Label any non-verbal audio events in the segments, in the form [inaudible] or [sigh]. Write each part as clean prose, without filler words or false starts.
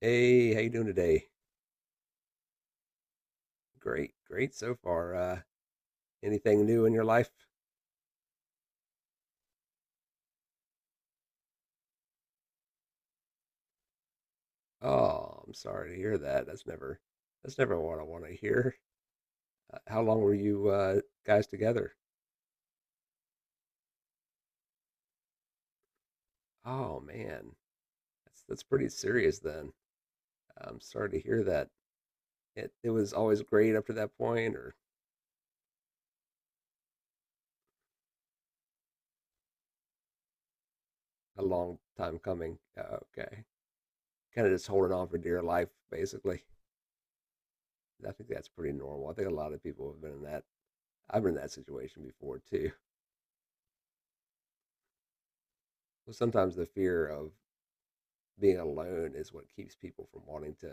Hey, how you doing today? Great, great so far. Anything new in your life? Oh, I'm sorry to hear that. That's never what I want to hear. How long were you guys together? Oh man, that's pretty serious then. I'm sorry to hear that. It was always great up to that point, or a long time coming. Okay, kind of just holding on for dear life, basically. I think that's pretty normal. I think a lot of people have been in that. I've been in that situation before too. Well, sometimes the fear of being alone is what keeps people from wanting to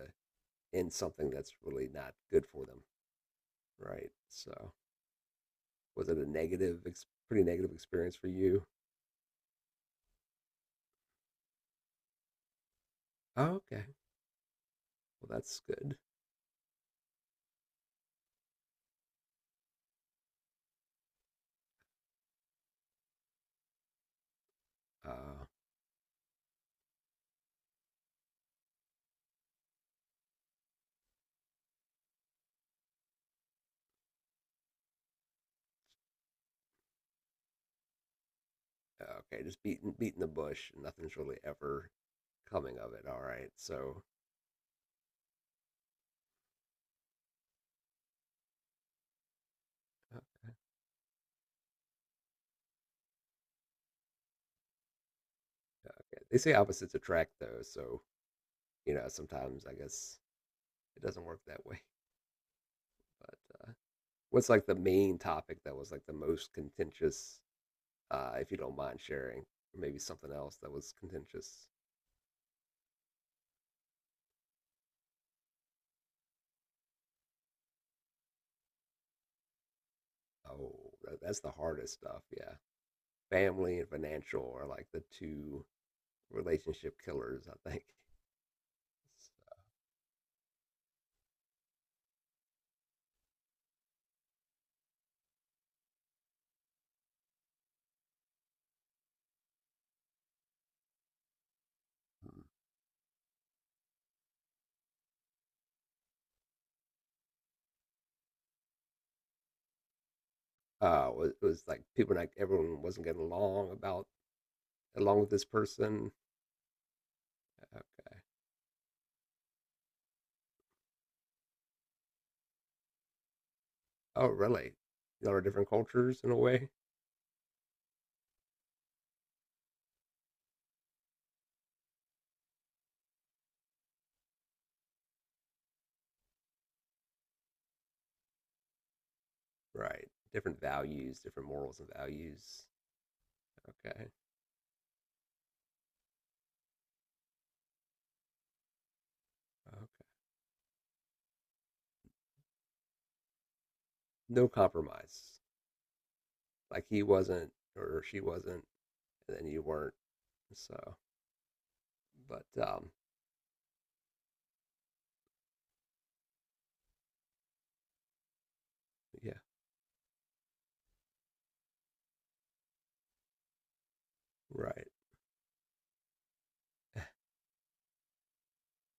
end something that's really not good for them, right? So, was it a negative, pretty negative experience for you? Oh, okay. Well, that's good. Uh, okay, just beating the bush. And nothing's really ever coming of it. All right. So, uh, okay. They say opposites attract, though. So, you know, sometimes I guess it doesn't work that way. But what's like the main topic that was like the most contentious if you don't mind sharing. Or maybe something else that was contentious. Oh, that's the hardest stuff. Yeah. Family and financial are like the two relationship killers, I think. So, it was like people, like everyone wasn't getting along about along with this person. Okay. Oh, really? Y'all are different cultures in a way, right? Different values, different morals and values. Okay. Okay. No compromise. Like he wasn't or she wasn't, and then you weren't. So, but yeah, right.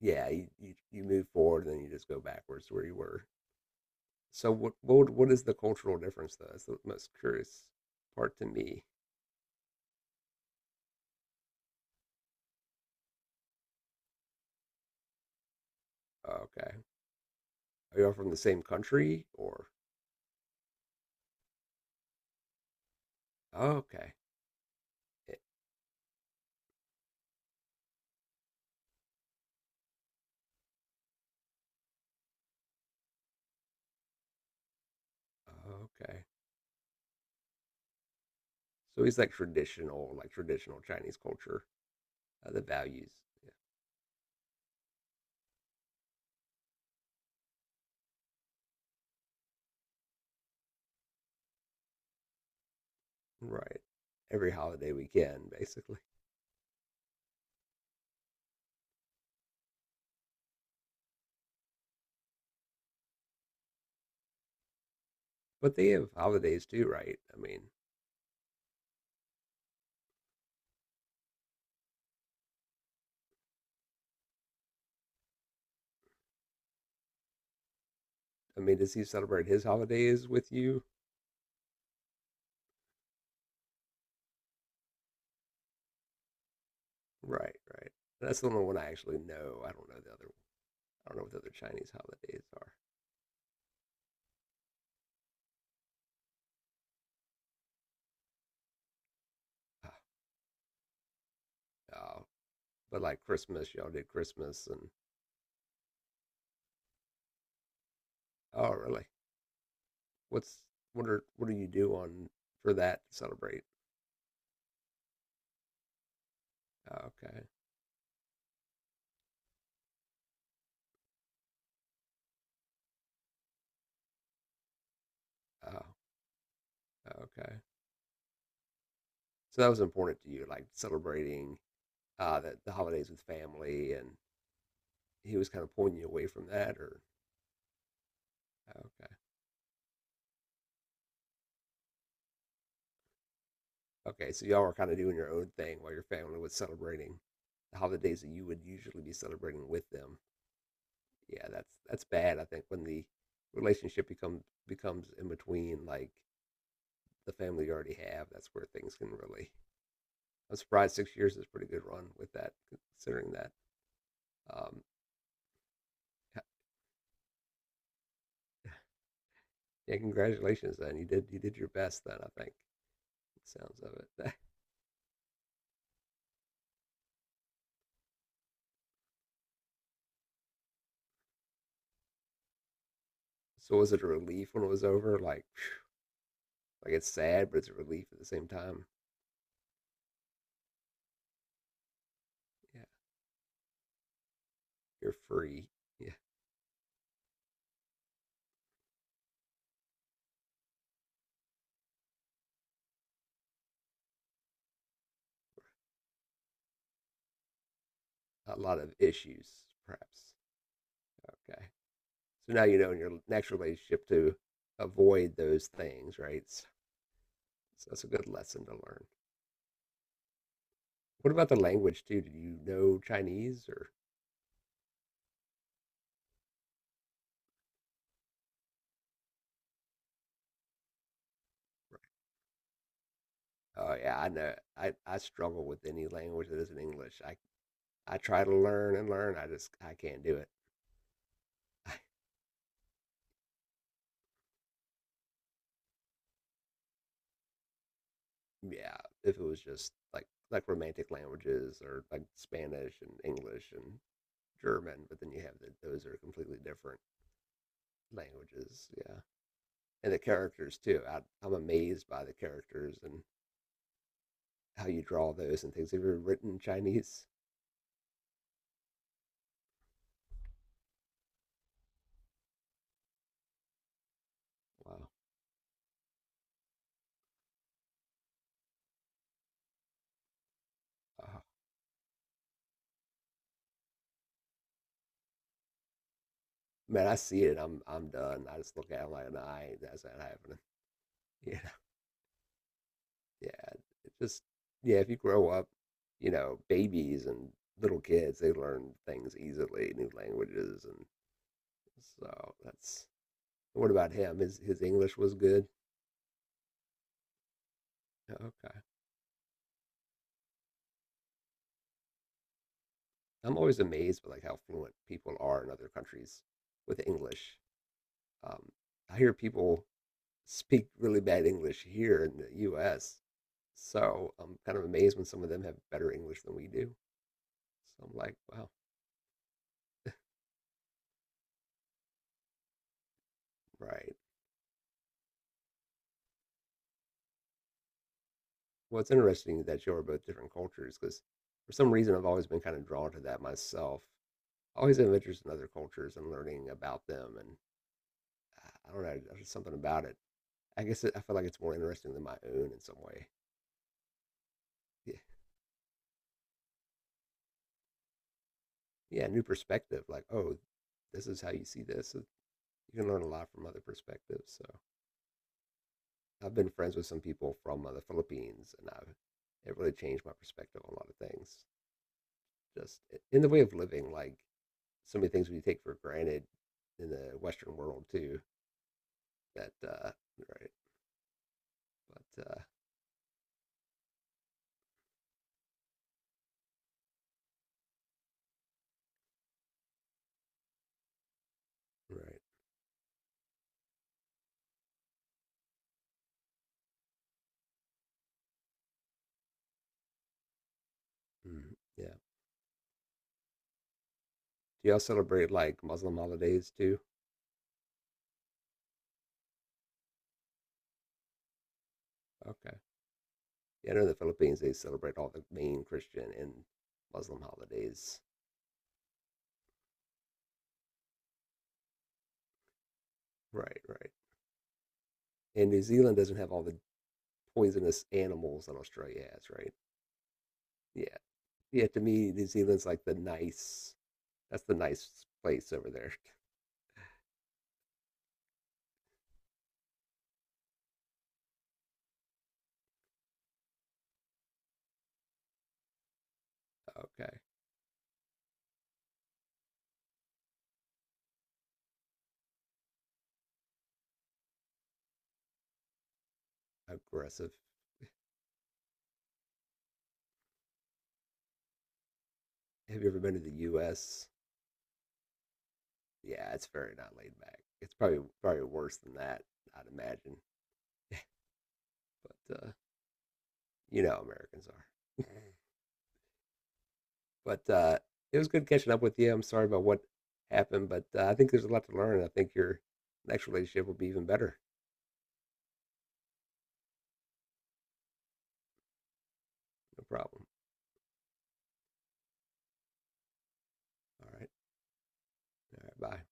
Yeah, you move forward and then you just go backwards to where you were. So what what is the cultural difference though? That's the most curious part to me. Okay, are you all from the same country or? Oh, okay, It- oh, okay. So he's like traditional Chinese culture, the values, yeah. Right? Every holiday weekend, basically. But they have holidays too, right? I mean, does he celebrate his holidays with you? Right, right. That's the only one I actually know. I don't know the other. I don't know what the other Chinese holidays are. Ah, oh, but like Christmas, y'all did Christmas, and oh, really? What's what are what do you do on for that to celebrate? Oh, okay. Oh, okay. So that was important to you, like celebrating the holidays with family, and he was kind of pulling you away from that, or okay, okay. So y'all were kind of doing your own thing while your family was celebrating the holidays that you would usually be celebrating with them. Yeah, that's bad. I think when the relationship becomes becomes in between like the family you already have, that's where things can really. I'm surprised 6 years is a pretty good run with that, considering that. Um, yeah, congratulations. Then you did your best. Then I think it sounds of it. [laughs] So was it a relief when it was over? Like, phew, like it's sad, but it's a relief at the same time. Yeah, you're free. Yeah, a lot of issues perhaps. Okay. So now you know in your next relationship to avoid those things, right? So, so that's a good lesson to learn. What about the language too? Did you know Chinese or? Oh yeah, I know. I struggle with any language that isn't English. I try to learn and learn. I can't do it. [laughs] Yeah, if it was just like romantic languages or like Spanish and English and German, but then you have those are completely different languages. Yeah. And the characters too. I'm amazed by the characters and how you draw those and things. Have you ever written Chinese? Wow, uh, man, I see it. I'm done. I just look at it like, nah, ain't- that's not happening. [laughs] Yeah, yeah. It just yeah. If you grow up, you know, babies and little kids, they learn things easily, new languages, and so that's. What about him? His English was good. Okay, I'm always amazed by like how fluent people are in other countries with English. Um, I hear people speak really bad English here in the U.S., so I'm kind of amazed when some of them have better English than we do. So I'm like, wow, right. Well, it's interesting that you are both different cultures because for some reason I've always been kind of drawn to that myself. I always have interest in other cultures and learning about them, and I don't know, there's just something about it. I guess it, I feel like it's more interesting than my own in some way. Yeah, yeah, new perspective. Like, oh, this is how you see this. So you can learn a lot from other perspectives. So I've been friends with some people from the Philippines, and I've it really changed my perspective on a lot of things. Just in the way of living, like so many things we take for granted in the Western world too. That right, but right, mm, yeah. Do y'all celebrate like Muslim holidays too? Okay, yeah. I know in the Philippines they celebrate all the main Christian and Muslim holidays. Right, right. And New Zealand doesn't have all the poisonous animals that Australia has, right? Yeah, yeah, to me, New Zealand's like the nice. That's the nice place over there. [laughs] Okay, aggressive. Have you ever been to the U.S.? Yeah, it's very not laid back. It's probably worse than that. I'd imagine, but you know, how Americans are. [laughs] But it was good catching up with you. I'm sorry about what happened, but I think there's a lot to learn. I think your next relationship will be even better. No problem. All right. All right. Bye.